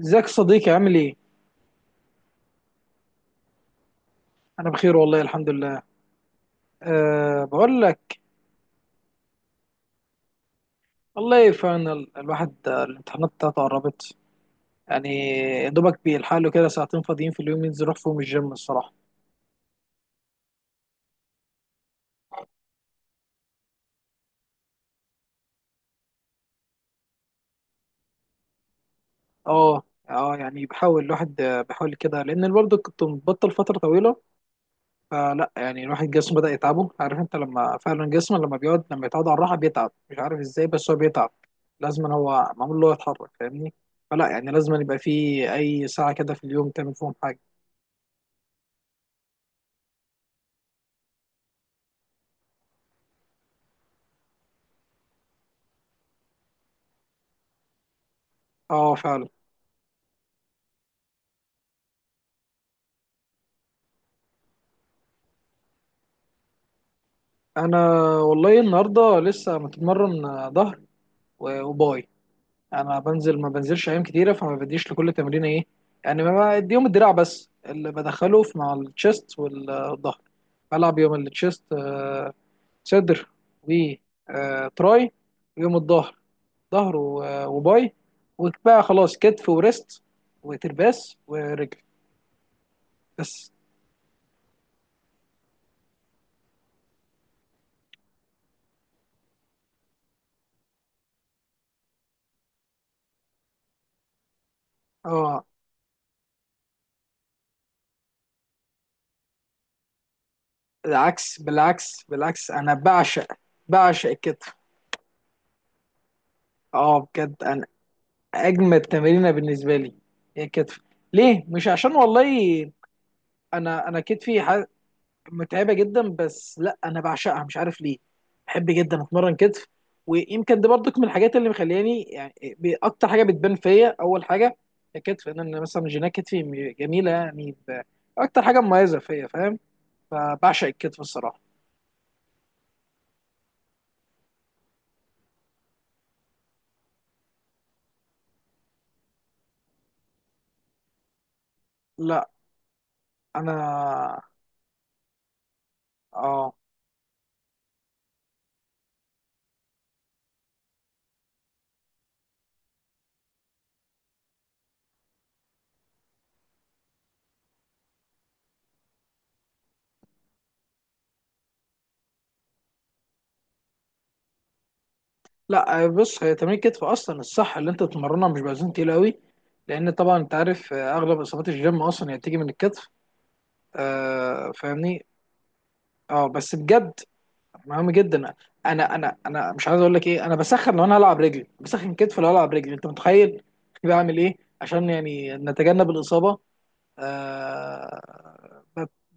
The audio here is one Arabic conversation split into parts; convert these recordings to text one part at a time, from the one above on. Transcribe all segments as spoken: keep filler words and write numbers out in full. ازيك يا صديقي، عامل ايه؟ انا بخير والله، الحمد لله. أه، بقول لك، والله فاينل الواحد، آه، الامتحانات بتاعته قربت يعني. يا دوبك بيلحق له كده ساعتين فاضيين في اليوم، ينزل يروح فيهم الجيم الصراحه. اه. اه يعني بحاول الواحد، آه، بحاول كده، لان برضه كنت مبطل فتره طويله. فلا يعني الواحد جسمه بدأ يتعبه، عارف انت لما فعلا جسمه لما بيقعد، لما يتعود على الراحه بيتعب، مش عارف ازاي، بس هو بيتعب. لازم هو معمول له يتحرك، فاهمني؟ فلا يعني لازم يبقى فيه اي ساعه كده في اليوم تعمل فيهم حاجه. اه فعلا. انا والله النهارده لسه متمرن، ظهر و- وباي. انا بنزل ما بنزلش ايام كتيره، فما بديش لكل تمرين ايه، يعني ما بديهم الدراع، بس اللي بدخله في مع التشيست والظهر. بلعب يوم التشيست آه، صدر وتراي، ويوم الظهر ظهر و- آه، وباي، وبقى خلاص كتف وريست وترباس ورجل. بس. اه. بالعكس، بالعكس، بالعكس، انا بعشق بعشق الكتف. اه، بجد. اجمد تمرينه بالنسبه لي هي الكتف. ليه؟ مش عشان والله انا انا كتفي ح- متعبه جدا، بس لا انا بعشقها مش عارف ليه. بحب جدا اتمرن كتف. ويمكن دي برضك من الحاجات اللي مخلياني يعني، ب- اكتر حاجه بتبان فيا اول حاجه الكتف. انا أنا مثلا جينات كتفي م- جميله يعني، ب- اكتر حاجه مميزه فيا فاهم. فبعشق الكتف الصراحه. لا انا. اه. لا آه، بص، هي تمرين الكتف اصلا الصح اللي انت تتمرنها مش باوزان تقيله قوي، لان طبعا انت عارف، آه، اغلب اصابات الجيم اصلا هي بتيجي من الكتف. آه، فاهمني. اه بس بجد، مهم جدا. انا انا انا مش عايز اقول لك ايه، انا بسخن لو انا هلعب رجلي، بسخن كتف لو هلعب رجلي، انت متخيل؟ بعمل ايه عشان يعني نتجنب الاصابه. آه.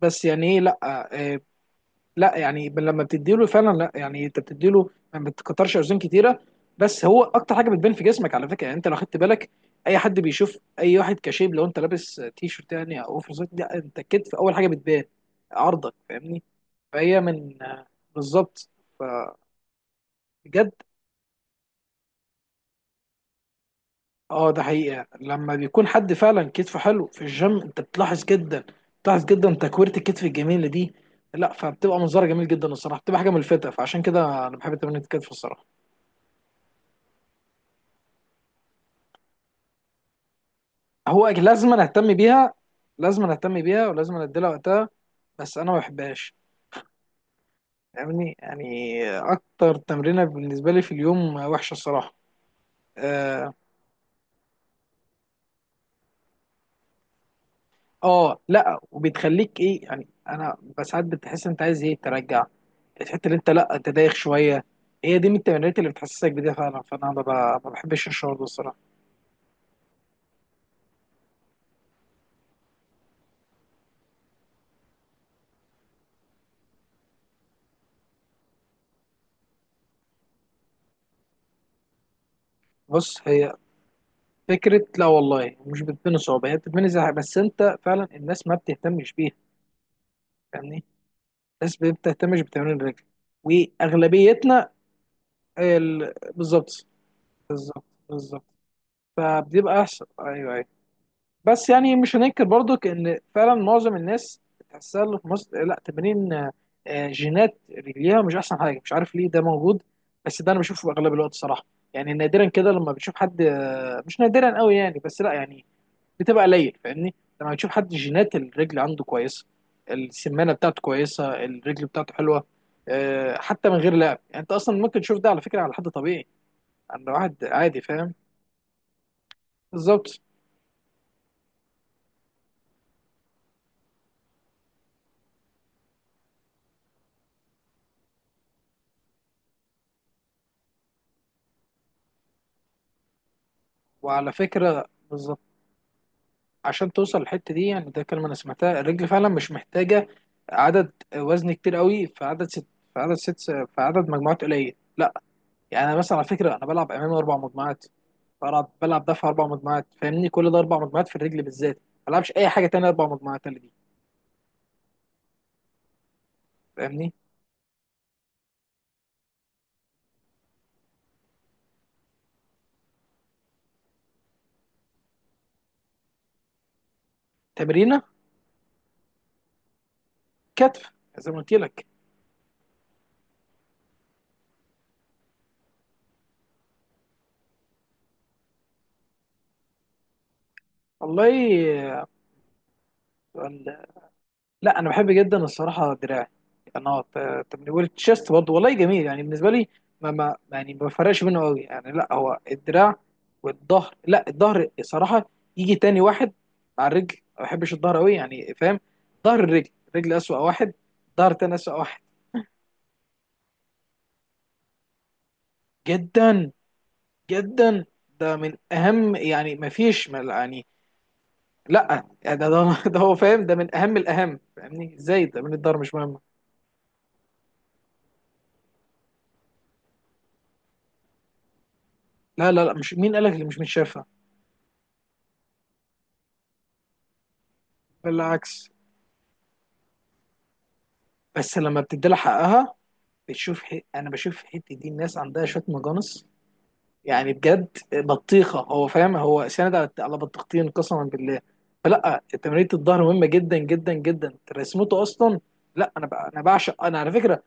بس يعني ايه، لا. آه، لا يعني ب- لما بتديله فعلا، لا يعني انت بتديله، ما بتكترش اوزان كتيره. بس هو اكتر حاجه بتبان في جسمك على فكره، يعني انت لو خدت بالك، اي حد بيشوف اي واحد كشيب، لو انت لابس تي شيرت يعني، او اوفر سايز، لا انت الكتف اول حاجه بتبان، عرضك فاهمني. فهي من، آه، بالظبط. فبجد. اه، ده حقيقه لما بيكون حد فعلا كتفه حلو في الجيم انت بتلاحظ جدا. بتلاحظ جدا تكويره الكتف الجميله دي. لا، فبتبقى منظره جميل جدا الصراحه، بتبقى حاجه ملفته، فعشان كده انا بحب تمرين الكتف الصراحه. هو لازم أنا اهتم بيها، لازم أنا اهتم بيها ولازم أنا اديلها وقتها، بس انا ما بحبهاش فاهمني. يعني اكتر تمرينه بالنسبه لي في اليوم وحشه الصراحه. اه. آه، لا وبتخليك ايه يعني، انا بس ساعات بتحس انت عايز ايه ترجع الحته اللي انت، لا انت دايخ شويه، هي دي من التمرينات اللي بتحسسك بده فعلا، فانا ما ب- ما بحبش الشعور ده الصراحه. بص هي فكره، لا والله مش بتبني صعوبه، هي بتبني زهق، بس انت فعلا الناس ما بتهتمش بيها فاهمني. الناس بتهتمش بتمرين الرجل واغلبيتنا. ال... بالظبط، بالظبط، بالظبط، فبتبقى احسن. ايوه، ايوه. بس يعني مش هننكر برضك ان فعلا معظم الناس تحسها اللي في مصر لا تمارين، آه، آه، جينات رجليها مش احسن حاجه مش عارف ليه ده موجود، بس ده انا بشوفه اغلب الوقت صراحه. يعني نادرا كده لما بتشوف حد، آه، مش نادرا قوي يعني، بس لا يعني بتبقى قليل فاهمني، لما بتشوف حد جينات الرجل عنده كويسه، السمانه بتاعته كويسه، الرجل بتاعته حلوه، آه، حتى من غير لعب، يعني انت اصلا ممكن تشوف ده على فكره على حد طبيعي، عند واحد عادي فاهم. بالظبط. وعلى فكره، بالظبط. عشان توصل للحته دي يعني ده كلمه انا سمعتها، الرجل فعلا مش محتاجه عدد وزن كتير قوي، في عدد ست في عدد ست في عدد مجموعات قليل. يعني انا مثلا على فكره انا بلعب امامي اربع مجموعات، بلعب بلعب دفع اربع مجموعات فاهمني. كل ده اربع مجموعات في الرجل بالذات، ما بلعبش اي حاجه تانية اربع مجموعات اللي دي، فاهمني. تمرينه كتف زي ما قلت لك. والله لا، انا بحب جدا الصراحه دراعي. انا ت- تمرين والتشيست برضه والله جميل يعني بالنسبه لي، ما ما يعني ما بفرقش منه قوي يعني، لا هو الدراع والظهر. لا، الظهر صراحه يجي تاني واحد مع الرجل، ما بحبش الظهر قوي يعني فاهم. ظهر، الرجل الرجل اسوأ واحد، ظهر تاني اسوأ واحد جدا جدا. ده من اهم يعني، ما فيش ما يعني، لا يعني ده, ده ده هو فاهم، ده من اهم الاهم فاهمني، ازاي ده من الظهر مش مهم. لا لا لا، مش مين قالك اللي مش متشافه، بالعكس، بس لما بتدي لها حقها بتشوف ح... انا بشوف الحته دي الناس عندها شويه مجانس يعني، بجد بطيخه هو فاهم، هو سند على على بطيختين قسما بالله. فلا تمرينة الظهر مهمه جدا جدا جدا، رسمته اصلا. لا انا ب... انا بعشق، انا على فكره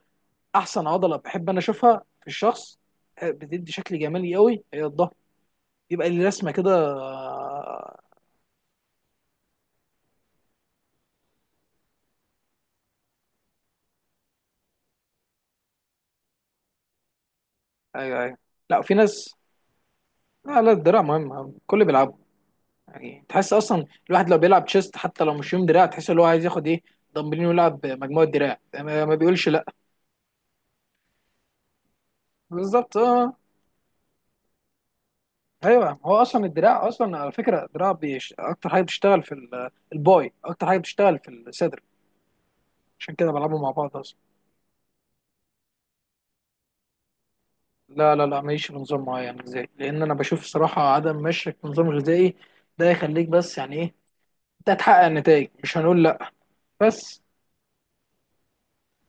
احسن عضله بحب انا اشوفها في الشخص، آه، بتدي شكل جمالي قوي هي الظهر، يبقى اللي رسمه كده، آه، ايوه ايوه. لا، في ناس. لا لا، الدراع مهم كل بيلعبها يعني، تحس اصلا الواحد لو بيلعب تشيست حتى لو مش يوم دراع تحس ان هو عايز ياخد ايه، دمبلين ويلعب مجموعه دراع، ما ما بيقولش لا. بالظبط اه. ايوه، هو اصلا الدراع اصلا على فكره الدراع بيش... اكتر حاجه بتشتغل في ال- الباي، اكتر حاجه بتشتغل في الصدر، عشان كده بلعبه مع بعض اصلا. لا لا لا، ماليش في نظام معين. ازاي؟ لان انا بشوف الصراحه عدم مشيك في نظام غذائي ده يخليك، بس يعني ايه، انت هتحقق نتائج مش هنقول لا، بس.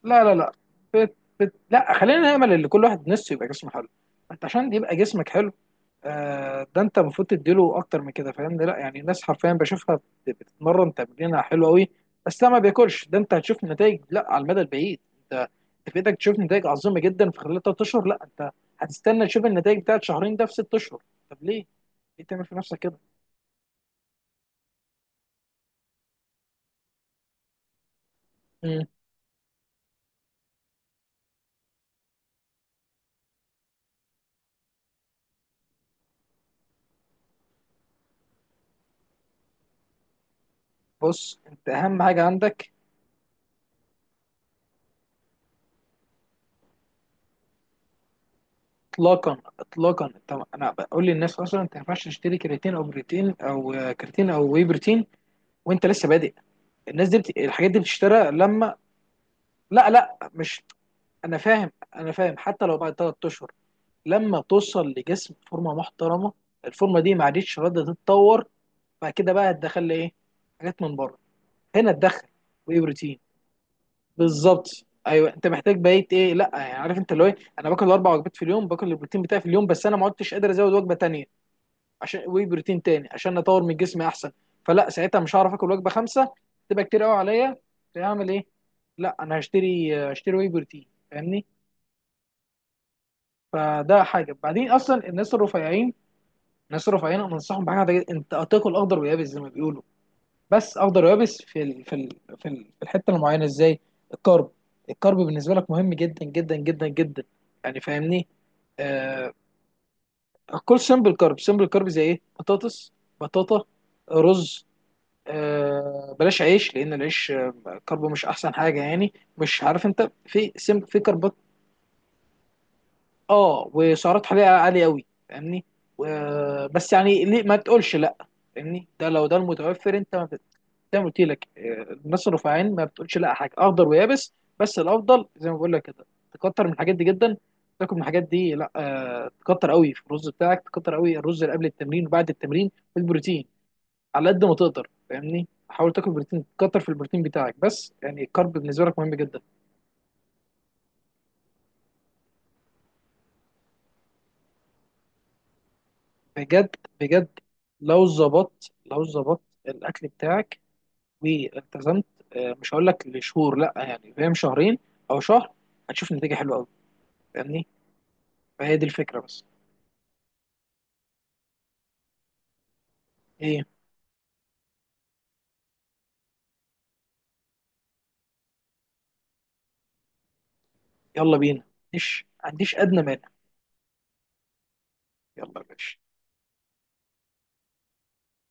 لا لا لا. فت. فت. لا خلينا نأمل ان كل واحد نفسه يبقى جسمه حلو. انت عشان يبقى جسمك حلو، آه، ده انت المفروض تديله اكتر من كده فاهمني. لا يعني الناس حرفيا بشوفها بت- بتتمرن تمرينها حلو قوي، بس ده ما بياكلش، ده انت هتشوف نتائج لا على المدى البعيد، انت انت في ايدك تشوف نتائج عظيمه جدا في خلال ثلاث اشهر، لا انت هتستنى تشوف النتائج بتاعت شهرين ده في ست اشهر. طب ليه؟ ليه تعمل في نفسك كده؟ مم. بص انت اهم حاجه عندك. اطلاقا، اطلاقا، انت، انا بقول للناس اصلا انت ما ينفعش تشتري كرياتين او بروتين او، آه، كرياتين او واي بروتين وانت لسه بادئ. الناس دي بت... الحاجات دي بتشترى لما، لا لا، مش. انا فاهم، انا فاهم، حتى لو بعد ثلاث اشهر لما توصل لجسم فورمه محترمه، الفورمه دي ما عادتش راضيه تتطور، بعد كده بقى هتدخل لي ايه؟ حاجات من بره هنا تدخل، واي بروتين، بالظبط. ايوه انت محتاج بقيت ايه، إيه، لا يعني عارف انت اللي هو ايه، انا باكل اربع وجبات في اليوم، باكل البروتين بتاعي في اليوم، بس انا ما عدتش قادر ازود وجبه تانيه عشان واي بروتين تاني عشان اطور من جسمي احسن، فلا ساعتها مش هعرف اكل وجبه خمسه، تبقى كتير قوي عليا، فاعمل ايه؟ لا انا هشتري، هشتري واي بروتين فاهمني. فده حاجه. بعدين اصلا الناس الرفيعين، الناس الرفيعين انا انصحهم بحاجه، انت هتاكل اخضر ويابس زي ما بيقولوا، بس اخضر ويابس في ال... في ال... في ال- في الحته المعينه. ازاي؟ الكارب. الكارب بالنسبه لك مهم جدا جدا جدا جدا يعني فاهمني. آه... كل سمبل كارب، سمبل كارب زي ايه، بطاطس، بطاطا، رز، آه، بلاش عيش لان العيش، آه، كربه مش احسن حاجه، يعني مش عارف انت في سم في كربات. اه، وسعرات حراريه عاليه قوي فاهمني. و- بس يعني ليه ما تقولش لا فاهمني، ده لو ده المتوفر انت ما بت- زي ما قلت لك، آه، الناس الرفيعين ما بتقولش لا حاجه اخضر ويابس، بس الافضل زي ما بقول لك كده، تكتر من الحاجات دي جدا، تاكل من الحاجات دي لا، آه، تكتر قوي في الرز بتاعك، تكتر قوي الرز اللي قبل التمرين وبعد التمرين والبروتين على قد ما تقدر فاهمني، حاول تاكل بروتين، كتر في البروتين بتاعك، بس يعني الكارب بالنسبه لك مهم جدا. بجد. بجد. لو ظبطت، لو ظبطت الاكل بتاعك والتزمت، آه، مش هقول لك لشهور لا يعني فاهم، شهرين او شهر، هتشوف نتيجه حلوه قوي فاهمني. فهي دي الفكره بس. ايه. يلا بينا، مش عنديش ادنى مانع. يلا يا باشا.